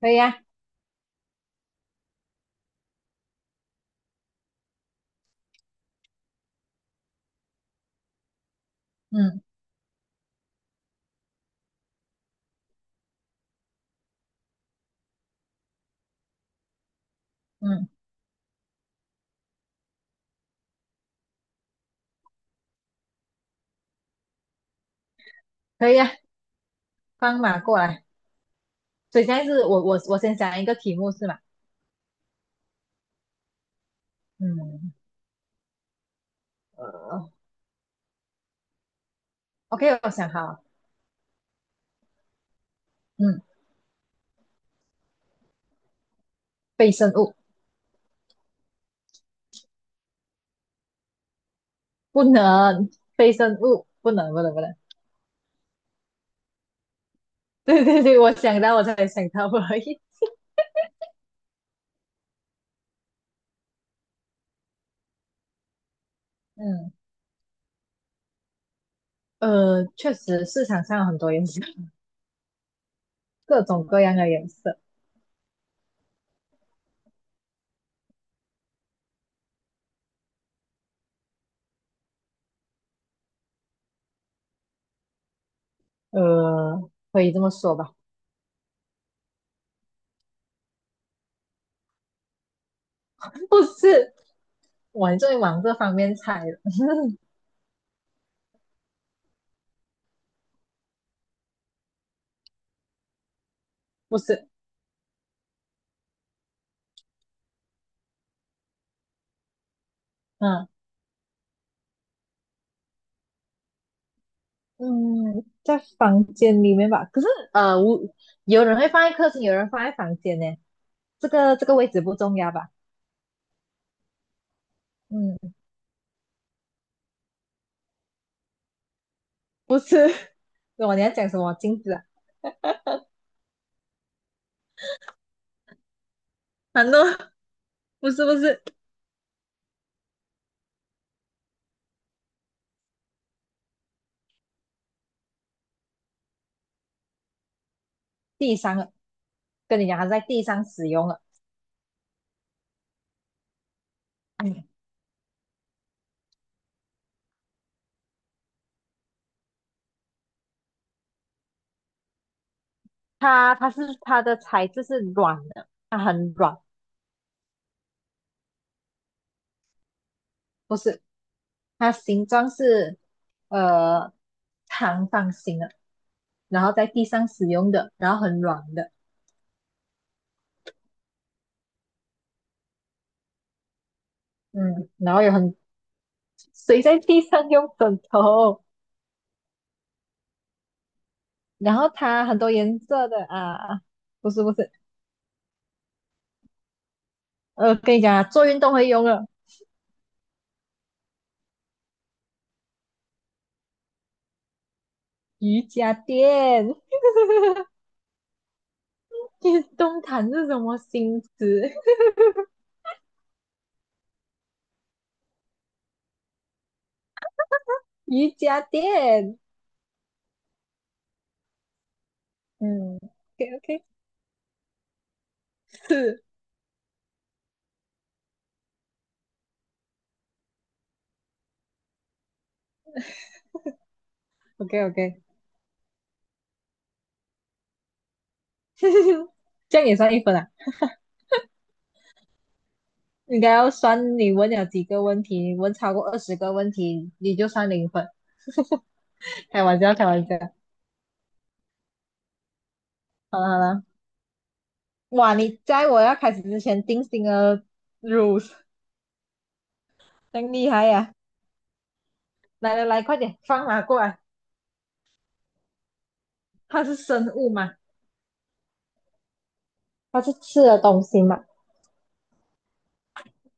可以呀、嗯嗯，可以呀、放马过来。所以现在是我先想一个题目是吗？嗯呃，OK，我想好了。嗯，非生物不能，非生物不能，对对对，我想到我才想到而已。嗯确实市场上有很多颜色，各种各样的颜色。可以这么说吧？不是，我终于往这方面猜了。不是。嗯。嗯，在房间里面吧。可是呃，我有人会放在客厅，有人放在房间呢。这个位置不重要吧？嗯，不是。我你要讲什么镜子啊？难道不是地上了？跟你讲，它在地上使用了。哎，它的材质是软的，它很软。不是，它形状是呃长方形的，然后在地上使用的，然后很软的。嗯，然后谁在地上用枕头？然后它很多颜色的啊，不是，跟你讲啊，做运动会用了瑜伽垫。运动毯是什么新词？瑜伽垫。嗯，OK OK。是 OK OK。这样也算一分啊。应该要算你问了几个问题，你问超过20个问题，你就算零分。开玩笑，开玩笑。好了好了。哇，你在我要开始之前定性了 rules。真厉害呀、来来来，快点放马过来。它是生物嘛？它是吃的东西嘛？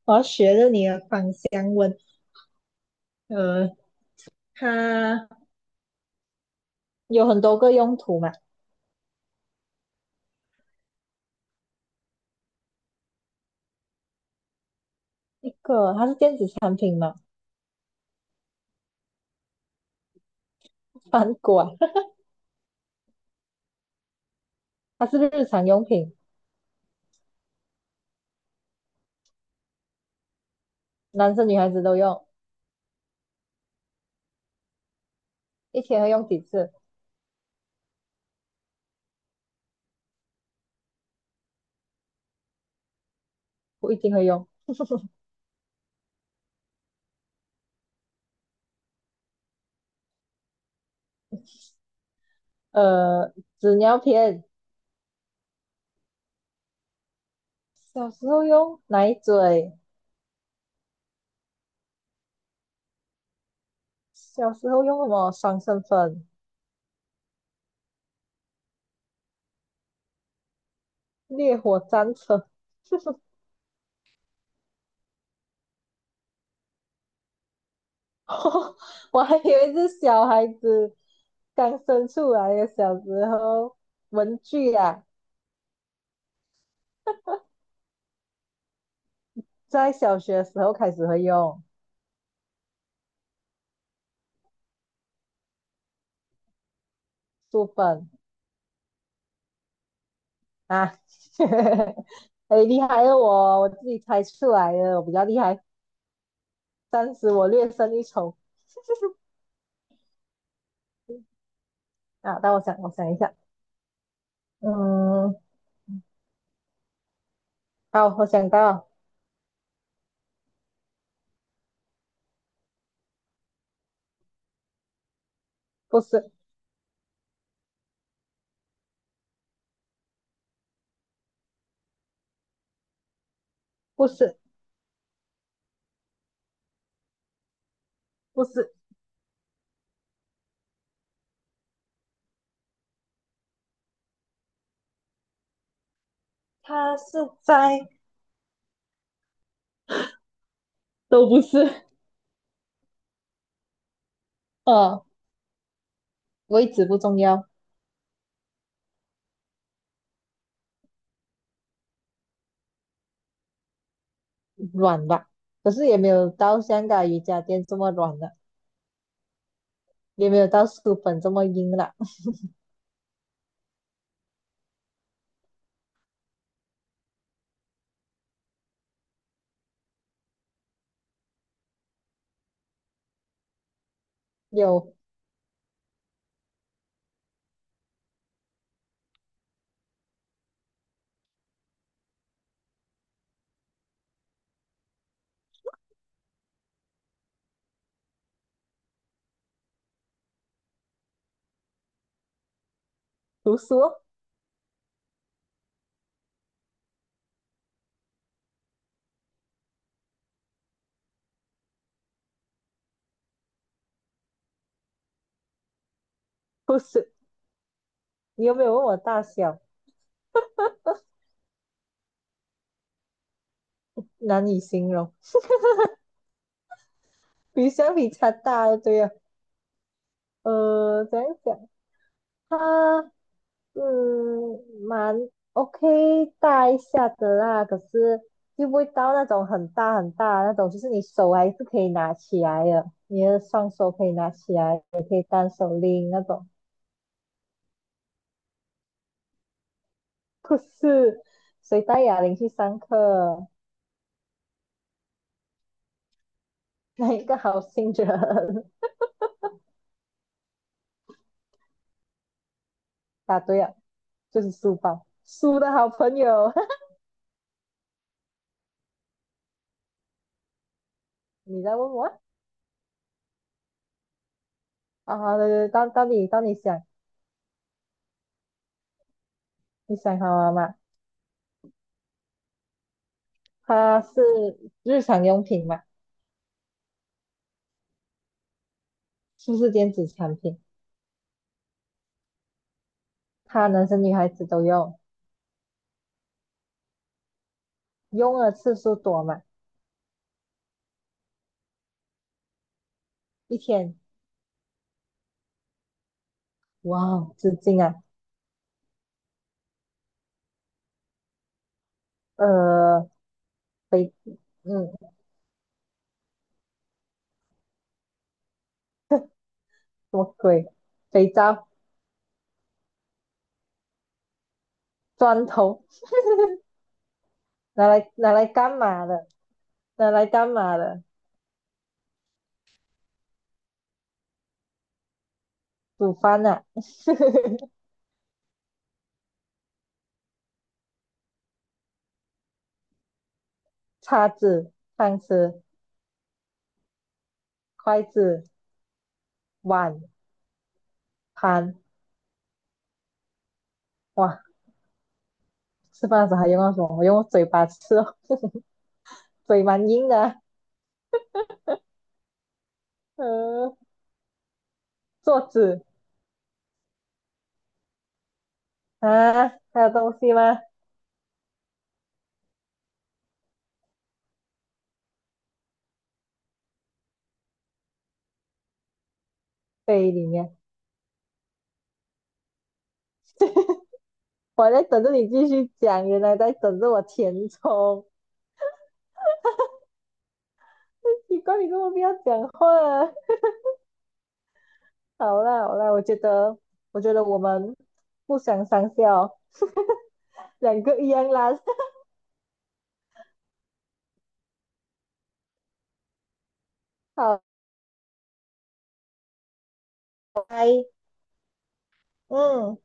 我要学着你的芳香温。呃，它有很多个用途嘛？一个它是电子产品嘛？反过来它是日常用品，男生女孩子都用，一天会用几次？我一定会用。呃，纸尿片。小时候用奶嘴。小时候用什么爽身粉、烈火战车。我还以为是小孩子刚生出来的小时候文具啊，在小学时候开始会用书本啊。哎，厉害了我，我自己猜出来的，我比较厉害，暂时我略胜一筹。 啊。但我想一下。嗯，好，我想到了。不是。不是。不是。他是在，都不是。呃，位置不重要。软吧，可是也没有到香港瑜伽垫这么软了，也没有到书本这么硬了。有。读书哦？不是？你有没有问我大小？难以形容。比相比它大了对呀、怎样讲？它嗯蛮 OK 大一下的啦，可是又不会到那种很大很大的那种，就是你手还是可以拿起来的，你的双手可以拿起来，也可以单手拎那种。不是，谁带哑铃去上课？哪一个好心人？答对了，就是书包，书的好朋友。你在问我啊？啊，对对，到你想。你想好了吗？它是日常用品嘛？是不是电子产品？它男生女孩子都用，用的次数多嘛？一天，哇哦，纸巾啊？呃，肥，嗯，什么鬼？肥皂、砖头。拿来干嘛的？拿来干嘛的？煮饭呐、啊。叉子、汤匙、筷子、碗、盘。哇，吃饭的时候还用到什么？我用嘴巴吃哦嘴蛮硬的啊。嗯，桌子啊？还有东西吗？杯里面。我在等着你继续讲，原来在等着我填充。奇怪，你怎么不要讲话啊。好啦好啦，我觉得我们互相上下哦。两个一样啦。好，拜，嗯。